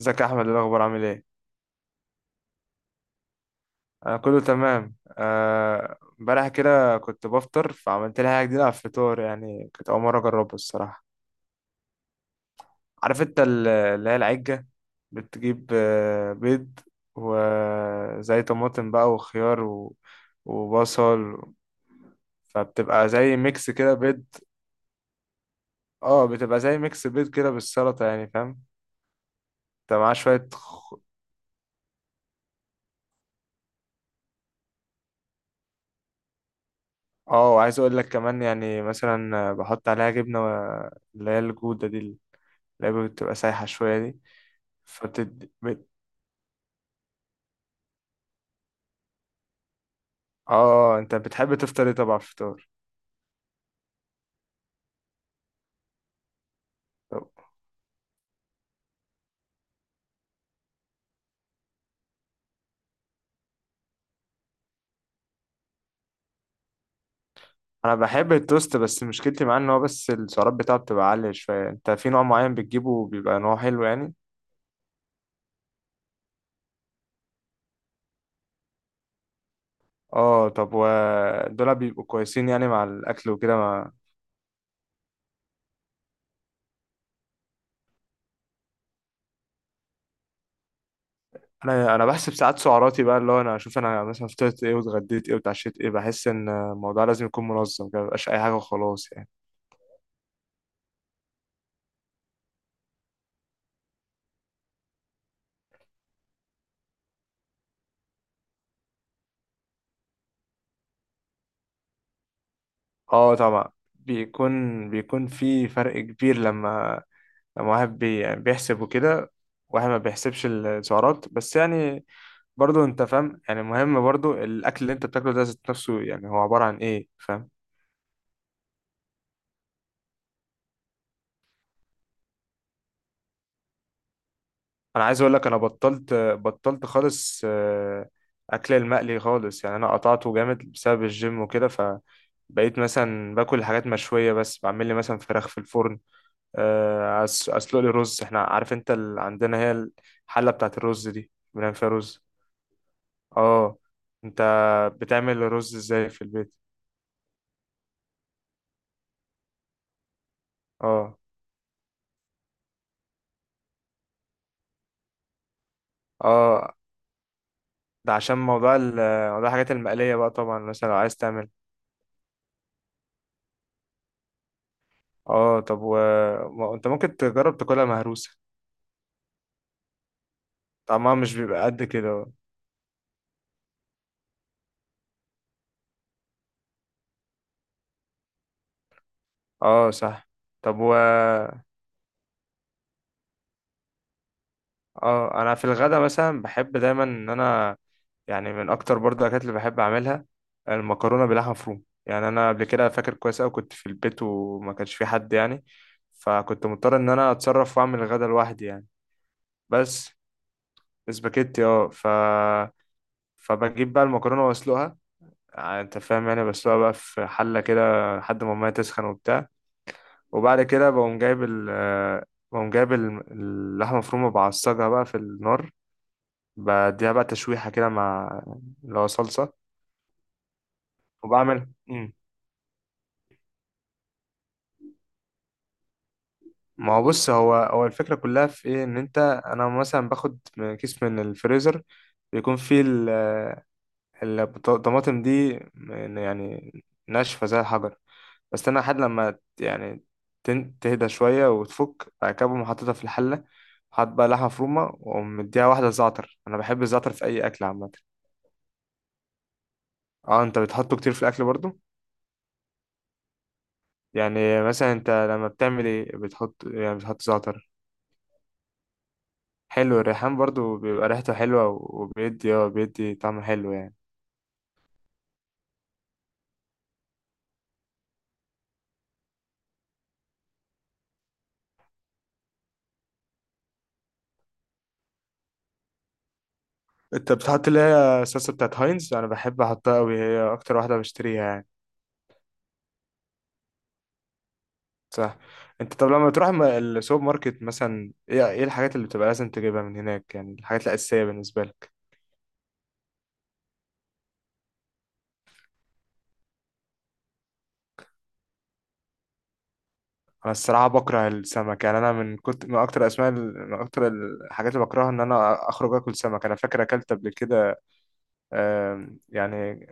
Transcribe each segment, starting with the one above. ازيك يا احمد؟ إيه الاخبار؟ عامل ايه؟ انا كله تمام. امبارح كده كنت بفطر فعملت لي حاجه جديده على الفطار، يعني كنت اول مره اجربها الصراحه. عارف انت اللي هي العجه، بتجيب بيض وزي طماطم بقى وخيار وبصل، فبتبقى زي ميكس كده بيض. اه بتبقى زي ميكس بيض كده بالسلطه، يعني فاهم. بتبقى معاه شويه اه، وعايز اقول لك كمان يعني مثلا بحط عليها جبنه اللي هي الجوده دي، اللعبة بتبقى سايحة شوية دي. فبتد بت... اه، انت بتحب تفطر ايه طبعا على الفطار؟ طب انا بحب التوست، بس مشكلتي معاه ان هو بس السعرات بتاعته بتبقى عالية شوية. انت في نوع معين بتجيبه بيبقى نوع حلو يعني؟ اه طب ودول بيبقوا كويسين يعني مع الاكل وكده ما. انا بحسب ساعات سعراتي بقى، اللي هو انا اشوف انا مثلا فطرت ايه واتغديت ايه واتعشيت ايه. بحس ان الموضوع لازم يكون منظم كده، مبيبقاش اي حاجة وخلاص يعني. اه طبعا. بيكون في فرق كبير لما، لما واحد بي يعني بيحسب وكده، واحد ما بيحسبش السعرات بس يعني. برضو انت فاهم يعني مهم برضو الاكل اللي انت بتاكله ده ذات نفسه يعني هو عبارة عن ايه، فاهم. انا عايز اقول لك انا بطلت خالص، اكل المقلي خالص يعني. انا قطعته جامد بسبب الجيم وكده، فبقيت مثلا باكل حاجات مشوية بس، بعمل لي مثلا فراخ في الفرن. اسلق لي رز. احنا عارف انت عندنا هي الحلة بتاعت الرز دي بنعمل فيها رز. اه. انت بتعمل الرز ازاي في البيت؟ اه اه، ده عشان موضوع الحاجات المقلية بقى طبعا، مثلا لو عايز تعمل. اه انت ممكن تجرب تاكلها مهروسة. طعمها مش بيبقى قد كده؟ اه صح. طب و اه، انا في الغدا مثلا بحب دايما ان انا، يعني من اكتر برضه الاكلات اللي بحب اعملها المكرونة بلحمة مفرومة. يعني انا قبل كده فاكر كويس اوي كنت في البيت وما كانش في حد يعني، فكنت مضطر ان انا اتصرف واعمل الغدا لوحدي يعني. بس اسباجيتي اه، فبجيب بقى المكرونه واسلقها. يعني انت فاهم، يعني بسلقها بقى في حله كده لحد ما الميه تسخن وبتاع. وبعد كده بقوم جايب اللحمه المفرومه بعصجها بقى في النار، بديها بقى تشويحه كده مع اللي هو صلصه. وبعمل ما هو بص، هو الفكره كلها في ايه، ان انت، انا مثلا باخد كيس من الفريزر، بيكون فيه الطماطم دي يعني ناشفه زي الحجر. بستنى لحد لما يعني تهدى شوية وتفك أكبهم وحطيتها في الحلة. حط بقى لحمة مفرومة وأقوم مديها واحدة زعتر. أنا بحب الزعتر في أي أكل عامة. أه أنت بتحطه كتير في الأكل برضو؟ يعني مثلا أنت لما بتعمل إيه بتحط، يعني بتحط زعتر؟ حلو الريحان برضو، بيبقى ريحته حلوة وبيدي اه، بيدي طعم حلو يعني. أنت بتحط اللي هي الصلصة بتاعت هاينز؟ أنا بحب أحطها أوي، هي أكتر واحدة بشتريها يعني. صح. انت طب لما تروح السوبر ماركت مثلا، ايه ايه الحاجات اللي بتبقى لازم تجيبها من هناك يعني، الحاجات الأساسية بالنسبة لك؟ انا الصراحة بكره السمك يعني. انا من كنت من اكتر اسماء من اكتر الحاجات اللي بكرهها ان انا اخرج اكل سمك. انا فاكر اكلت قبل كده يعني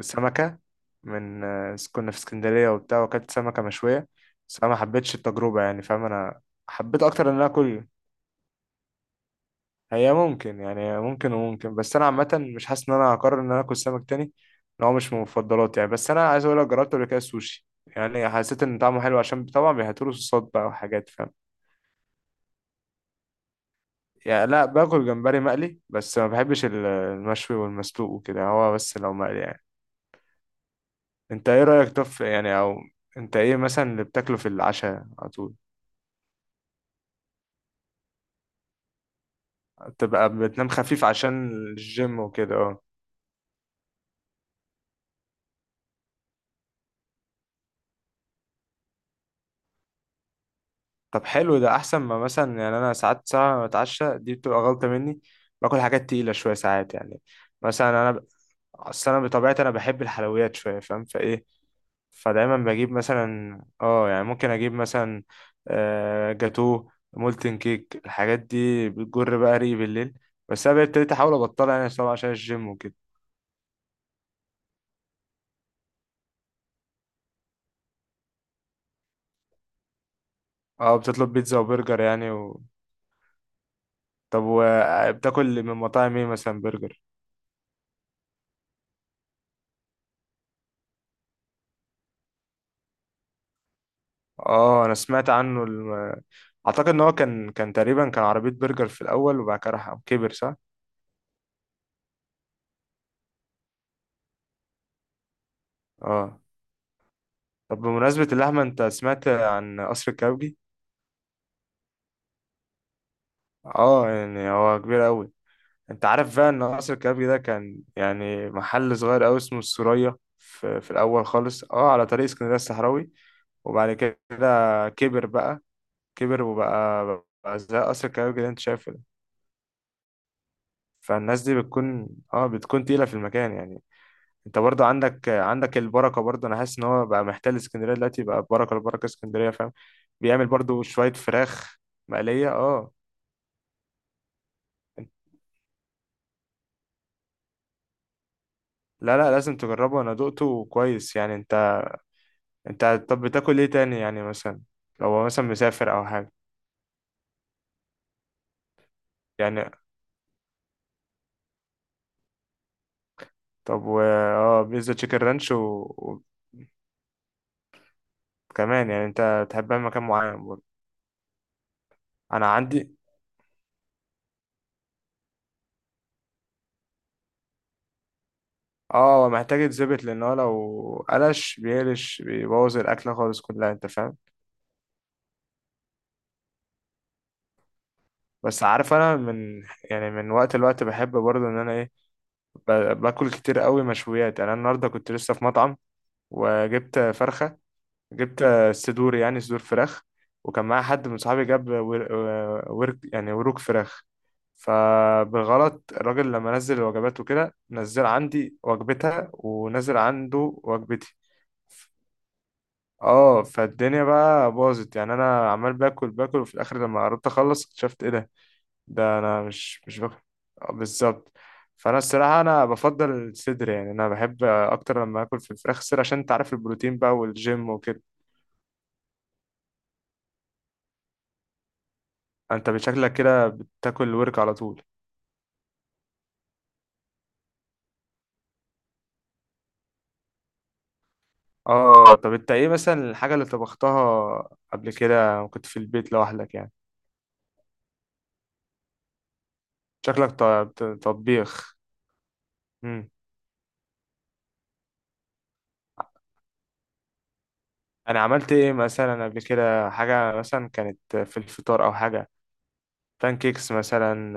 سمكة من كنا في اسكندرية وبتاع واكلت سمكة مشوية، بس انا ما حبيتش التجربة يعني، فاهم. انا حبيت اكتر ان انا اكل. هي ممكن يعني، ممكن وممكن، بس انا عامه مش حاسس ان انا هقرر ان انا اكل سمك تاني، ان هو مش من مفضلاتي يعني. بس انا عايز اقول لك جربت قبل كده السوشي، يعني حسيت ان طعمه حلو عشان طبعا بيهتروا صوصات بقى وحاجات، فاهم. يعني لا، باكل جمبري مقلي بس، ما بحبش المشوي والمسلوق وكده، هو بس لو مقلي يعني. انت ايه رايك طف يعني او، انت ايه مثلا اللي بتاكله في العشاء على طول؟ تبقى بتنام خفيف عشان الجيم وكده اه. طب حلو ده، احسن ما مثلا يعني انا ساعات ساعه ما بتعشى دي بتبقى غلطه مني، باكل حاجات تقيله شويه ساعات يعني. مثلا اصل انا بطبيعتي انا بحب الحلويات شويه، فاهم، فايه. فدايما بجيب مثلا اه، يعني ممكن اجيب مثلا جاتو مولتن كيك. الحاجات دي بتجر بقى ريقي بالليل، بس انا بقيت ابتديت احاول ابطلها يعني، طبعا عشان الجيم وكده. اه بتطلب بيتزا وبرجر يعني طب وبتاكل من مطاعم ايه مثلا برجر؟ اه انا سمعت عنه. اعتقد ان هو كان، كان تقريبا عربية برجر في الاول وبعد كده راح كبر، صح؟ اه طب، بمناسبة اللحمة، انت سمعت عن قصر الكبابجي؟ اه يعني هو كبير قوي. انت عارف بقى ان قصر الكبابجي ده كان يعني محل صغير قوي اسمه السورية في الاول خالص، اه، على طريق اسكندرية الصحراوي. وبعد كده كبر بقى، كبر وبقى، بقى زي قصر الكبابجي اللي انت شايفه ده. فالناس دي بتكون اه، بتكون تقيلة في المكان يعني. انت برضه عندك البركه برضه، انا حاسس ان هو بقى محتل اسكندريه دلوقتي بقى، بركه، البركه اسكندريه فاهم. بيعمل برضه شويه فراخ مقليه اه. لا لا، لازم تجربه، انا دقته كويس يعني. انت، انت طب بتاكل ايه تاني يعني، مثلا لو هو مثلا مسافر او حاجه يعني. طب و اه، بيتزا تشيكن رانش وكمان يعني انت تحبها في مكان معين برضه؟ انا عندي اه، محتاج يتظبط، لان هو لو قلش بيقلش بيبوظ الاكله خالص كلها، انت فاهم. بس عارف، انا من يعني من وقت لوقت بحب برضو ان انا ايه، ب- باكل كتير قوي مشويات. يعني انا النهارده كنت لسه في مطعم وجبت فرخه، جبت صدور يعني صدور فراخ. وكان معايا حد من صحابي جاب ورك يعني، وروك فراخ. فبالغلط الراجل لما نزل الوجبات وكده، نزل عندي وجبتها ونزل عنده وجبتي. اه فالدنيا بقى باظت يعني. انا عمال باكل باكل، وفي الاخر لما قربت اخلص اكتشفت ايه ده، ده انا مش مش بك... بالظبط. فانا الصراحه انا بفضل الصدر يعني، انا بحب اكتر لما اكل في الفراخ الصدر عشان انت عارف البروتين بقى والجيم وكده. انت بشكلك كده بتاكل ورك على طول. اه طب انت ايه مثلا الحاجه اللي طبختها قبل كده وكنت في البيت لوحدك يعني؟ شكلك طبيخ. امم. انا عملت ايه مثلا قبل كده حاجه مثلا كانت في الفطار او حاجه؟ بانكيكس مثلا.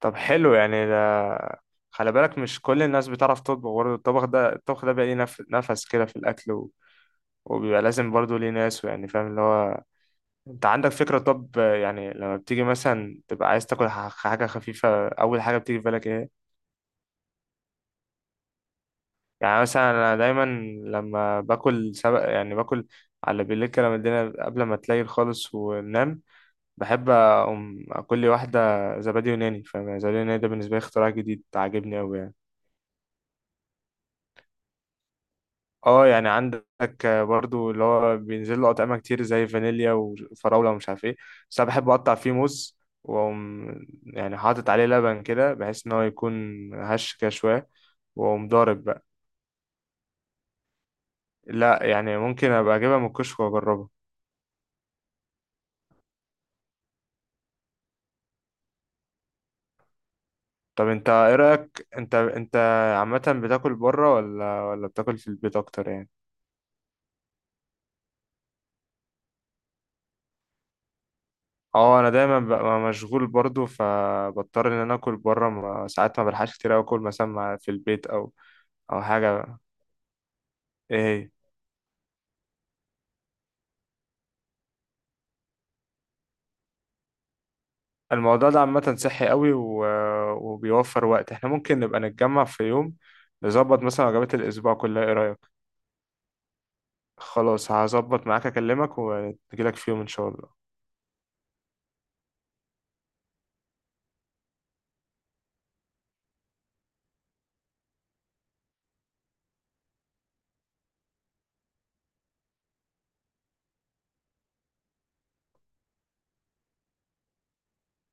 طب حلو يعني ده. خلي بالك مش كل الناس بتعرف تطبخ برضه. الطبخ ده، الطبخ ده بيبقى ليه نفس كده في الأكل و، وبيبقى لازم برضه ليه ناس يعني، فاهم اللي هو. أنت عندك فكرة؟ طب يعني لما بتيجي مثلا تبقى عايز تاكل حاجة خفيفة، أول حاجة بتيجي في بالك إيه؟ يعني مثلا أنا دايما لما باكل سبق يعني، باكل على بالليل كده، لما الدنيا قبل ما تليل خالص وننام، بحب أقوم أكل لي واحدة زبادي يوناني، فاهم يعني. زبادي يوناني ده بالنسبة لي اختراع جديد عاجبني أوي يعني. اه يعني عندك برضو اللي هو بينزل له اطعمه كتير زي فانيليا وفراوله ومش عارف ايه، بس انا بحب اقطع فيه موز واقوم، يعني حاطط عليه لبن كده بحيث ان هو يكون هش كده شويه، واقوم ضارب بقى. لا، يعني ممكن ابقى اجيبها من الكشك واجربها. طب انت ايه رايك، انت انت عامه بتاكل بره ولا بتاكل في البيت اكتر يعني؟ اه انا دايما ببقى مشغول برضو، فبضطر ان انا اكل بره، ما ساعات ما بلحقش كتير أوي اكل مثلا في البيت او او حاجه. ايه هي؟ الموضوع ده عامة صحي قوي وبيوفر وقت. احنا ممكن نبقى نتجمع في يوم، نظبط مثلا وجبات الأسبوع كلها، ايه رأيك؟ خلاص هظبط معاك، أكلمك ونجيلك في يوم إن شاء الله.